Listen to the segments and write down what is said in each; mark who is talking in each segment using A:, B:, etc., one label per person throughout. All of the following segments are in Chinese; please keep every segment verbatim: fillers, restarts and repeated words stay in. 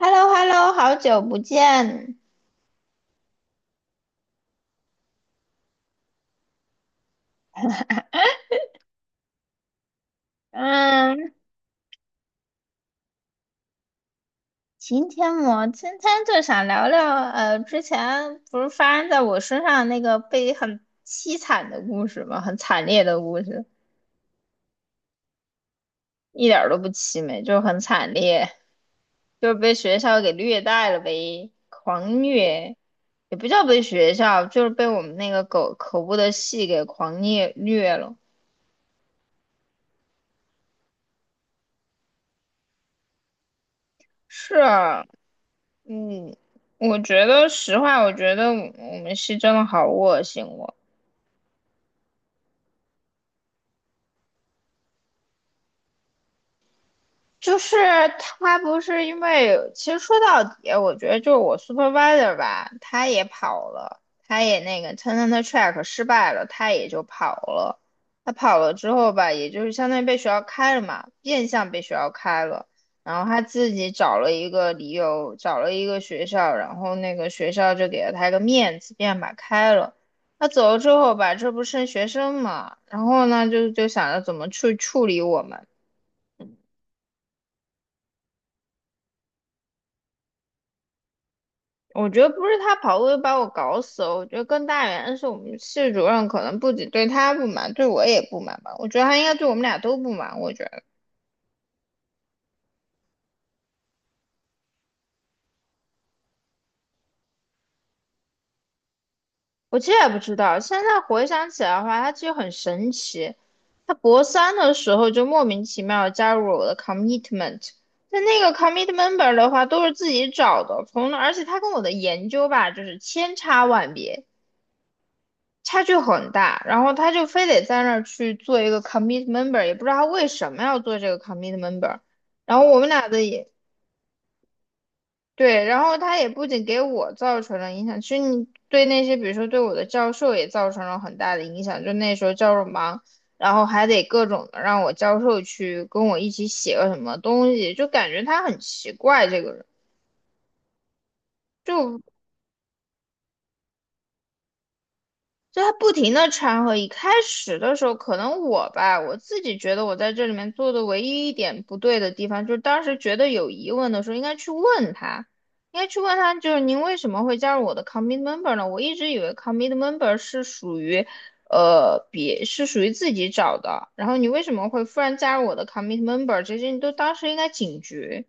A: h e l l o h e l l o 好久不见。嗯，今天我今天就想聊聊，呃，之前不是发生在我身上那个被很凄惨的故事吗？很惨烈的故事，一点儿都不凄美，就是很惨烈，就是被学校给虐待了呗，狂虐，也不叫被学校，就是被我们那个狗可恶的系给狂虐虐了。是，嗯，我觉得实话，我觉得我们是真的好恶心哦。就是他不是因为，其实说到底，我觉得就是我 supervisor 吧，他也跑了，他也那个 talent track 失败了，他也就跑了。他跑了之后吧，也就是相当于被学校开了嘛，变相被学校开了。然后他自己找了一个理由，找了一个学校，然后那个学校就给了他一个面子，便把开了。他走了之后吧，这不剩学生嘛，然后呢，就就想着怎么去处理我们。我觉得不是他跑步就把我搞死了，我觉得更大原因是我们系主任可能不仅对他不满，对我也不满吧。我觉得他应该对我们俩都不满。我觉得我其实也不知道，现在回想起来的话，他其实很神奇。他博三的时候就莫名其妙地加入了我的 commitment，但那个 c o m m i t m e m b e r 的话都是自己找的，从而且他跟我的研究吧，就是千差万别。差距很大，然后他就非得在那儿去做一个 commit member，也不知道他为什么要做这个 commit member。然后我们俩的也对，然后他也不仅给我造成了影响，其实你对那些比如说对我的教授也造成了很大的影响。就那时候教授忙，然后还得各种的让我教授去跟我一起写个什么东西，就感觉他很奇怪这个人。就。就他不停的掺和。一开始的时候，可能我吧，我自己觉得我在这里面做的唯一一点不对的地方，就是当时觉得有疑问的时候，应该去问他，应该去问他，就是您为什么会加入我的 commit member 呢？我一直以为 commit member 是属于，呃，别是属于自己找的，然后你为什么会忽然加入我的 commit member？这些你都当时应该警觉。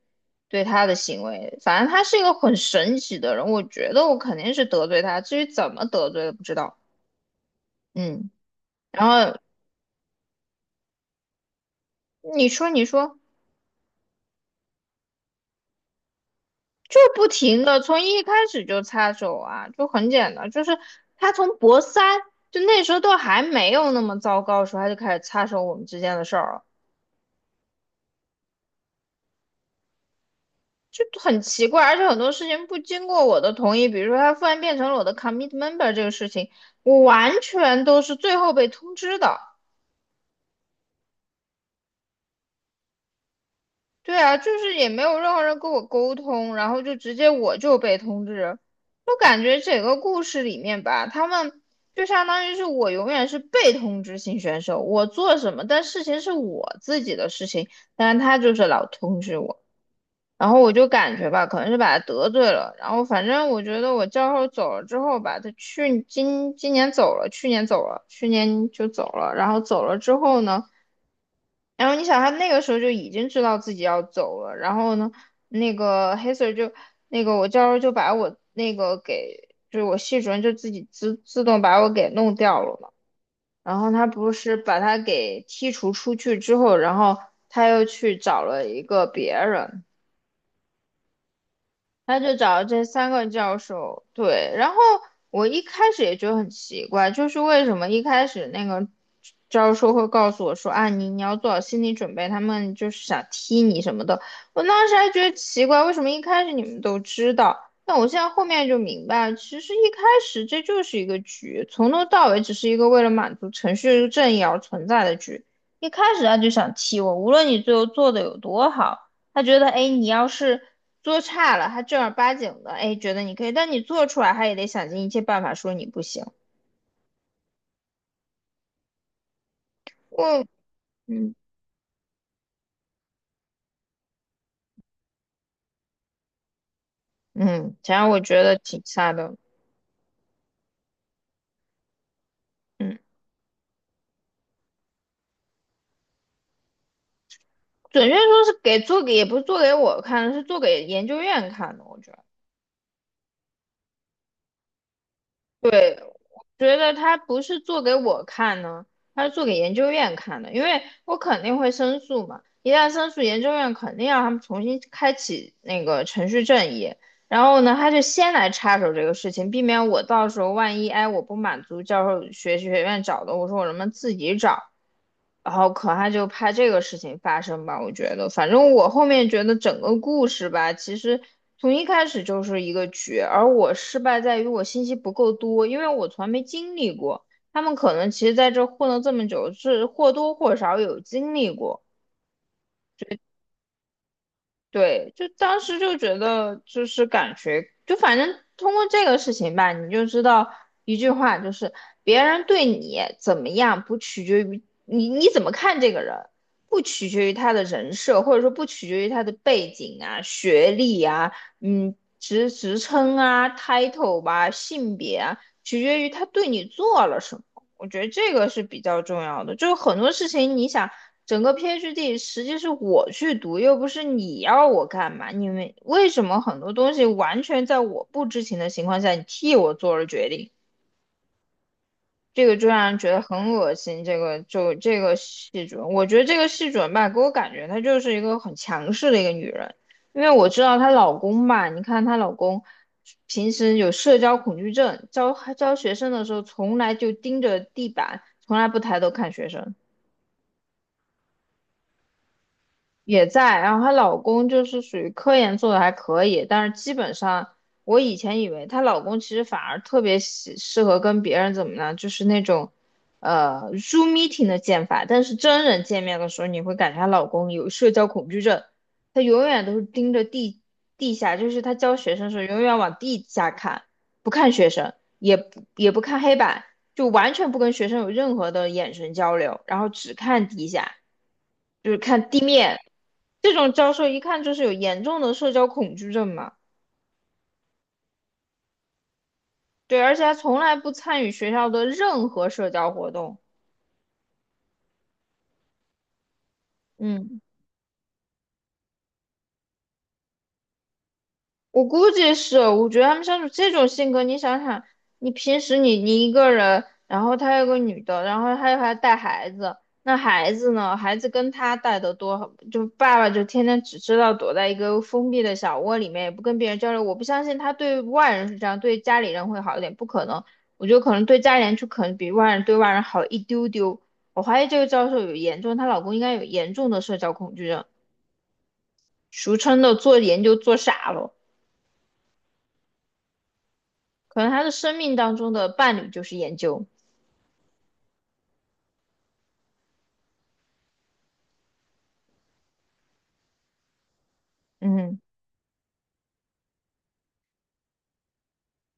A: 对他的行为，反正他是一个很神奇的人，我觉得我肯定是得罪他，至于怎么得罪的不知道。嗯，然后你说你说，就不停的从一开始就插手啊，就很简单，就是他从博三就那时候都还没有那么糟糕的时候，他就开始插手我们之间的事儿了，就很奇怪，而且很多事情不经过我的同意，比如说他突然变成了我的 commit member 这个事情，我完全都是最后被通知的。对啊，就是也没有任何人跟我沟通，然后就直接我就被通知。我感觉整个故事里面吧，他们就相当于是我永远是被通知型选手，我做什么，但事情是我自己的事情，但是他就是老通知我，然后我就感觉吧，可能是把他得罪了，然后反正我觉得我教授走了之后吧，他去今今年走了，去年走了，去年就走了，然后走了之后呢？然后你想，他那个时候就已经知道自己要走了，然后呢，那个黑 Sir 就那个我教授就把我那个给，就是我系主任就自己自自动把我给弄掉了嘛。然后他不是把他给剔除出去之后，然后他又去找了一个别人，他就找了这三个教授，对，然后我一开始也觉得很奇怪，就是为什么一开始那个教授会告诉我说啊，你你要做好心理准备，他们就是想踢你什么的。我当时还觉得奇怪，为什么一开始你们都知道？但我现在后面就明白了，其实一开始这就是一个局，从头到尾只是一个为了满足程序正义而存在的局。一开始他就想踢我，无论你最后做的有多好。他觉得，哎，你要是做差了，他正儿八经的，哎，觉得你可以，但你做出来，他也得想尽一切办法说你不行。我，嗯嗯，反正我觉得挺差的。嗯，准确说是给做给，也不是做给我看的，是做给研究院看的。我觉得，对，觉得他不是做给我看呢，他是做给研究院看的，因为我肯定会申诉嘛。一旦申诉，研究院肯定让他们重新开启那个程序正义。然后呢，他就先来插手这个事情，避免我到时候万一哎我不满足教授学学院找的，我说我能不能自己找，然后可他就怕这个事情发生吧，我觉得，反正我后面觉得整个故事吧，其实从一开始就是一个局，而我失败在于我信息不够多，因为我从来没经历过，他们可能其实在这混了这么久，是或多或少有经历过。对，就当时就觉得，就是感觉，就反正通过这个事情吧，你就知道一句话，就是别人对你怎么样，不取决于你你怎么看这个人，不取决于他的人设，或者说不取决于他的背景啊、学历啊、嗯、职职称啊、title 吧、性别啊，取决于他对你做了什么。我觉得这个是比较重要的，就是很多事情，你想。整个 P h D 实际是我去读，又不是你要我干嘛？你们为什么很多东西完全在我不知情的情况下，你替我做了决定？这个就让人觉得很恶心。这个就这个系主任，我觉得这个系主任吧，给我感觉她就是一个很强势的一个女人，因为我知道她老公吧，你看她老公平时有社交恐惧症，教教学生的时候从来就盯着地板，从来不抬头看学生。也在，然后她老公就是属于科研做的还可以，但是基本上我以前以为她老公其实反而特别喜适合跟别人怎么呢，就是那种呃 Zoom meeting 的见法，但是真人见面的时候，你会感觉她老公有社交恐惧症，她永远都是盯着地地下，就是她教学生的时候永远往地下看，不看学生，也不也不看黑板，就完全不跟学生有任何的眼神交流，然后只看地下。就是看地面，这种教授一看就是有严重的社交恐惧症嘛。对，而且他从来不参与学校的任何社交活动。嗯。我估计是，我觉得他们相处这种性格，你想想，你平时你你一个人，然后他有个女的，然后她又还带孩子，那孩子呢？孩子跟他带的多，好，就爸爸就天天只知道躲在一个封闭的小窝里面，也不跟别人交流。我不相信他对外人是这样，对家里人会好一点，不可能。我觉得可能对家里人就可能比外人对外人好一丢丢。我怀疑这个教授有严重，她老公应该有严重的社交恐惧症，俗称的做研究做傻了。可能他的生命当中的伴侣就是研究。嗯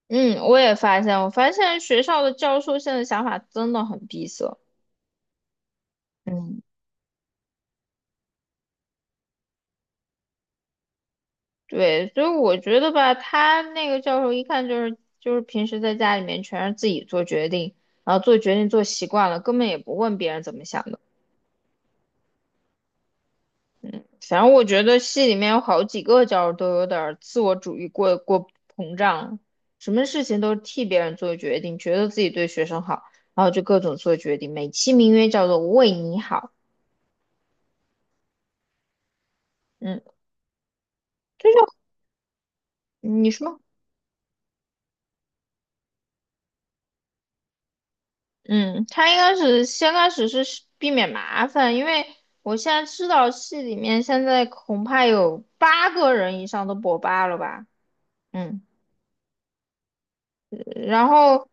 A: 嗯，我也发现，我发现学校的教授现在想法真的很闭塞。嗯，对，所以我觉得吧，他那个教授一看就是就是平时在家里面全是自己做决定，然后做决定做习惯了，根本也不问别人怎么想的。反正我觉得戏里面有好几个角儿都有点儿自我主义过过膨胀什么事情都替别人做决定，觉得自己对学生好，然后就各种做决定，美其名曰叫做为你好。嗯，这就你说，嗯，他应该是先开始是避免麻烦，因为我现在知道戏里面现在恐怕有八个人以上都博八了吧。嗯，然后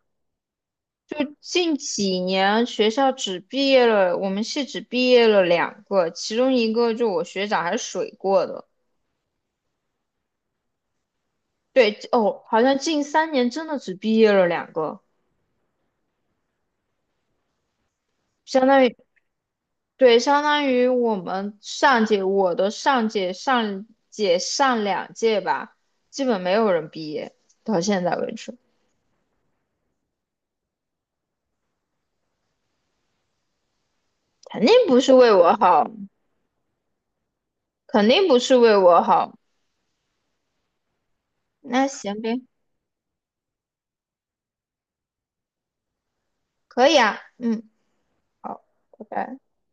A: 就近几年学校只毕业了，我们系只毕业了两个，其中一个就我学长还水过的。对，哦，好像近三年真的只毕业了两个，相当于，对，相当于我们上届，我的上届、上届、上两届吧，基本没有人毕业，到现在为止，肯定不是为我好，肯定不是为我好。那行呗，可以啊，嗯，好，拜拜。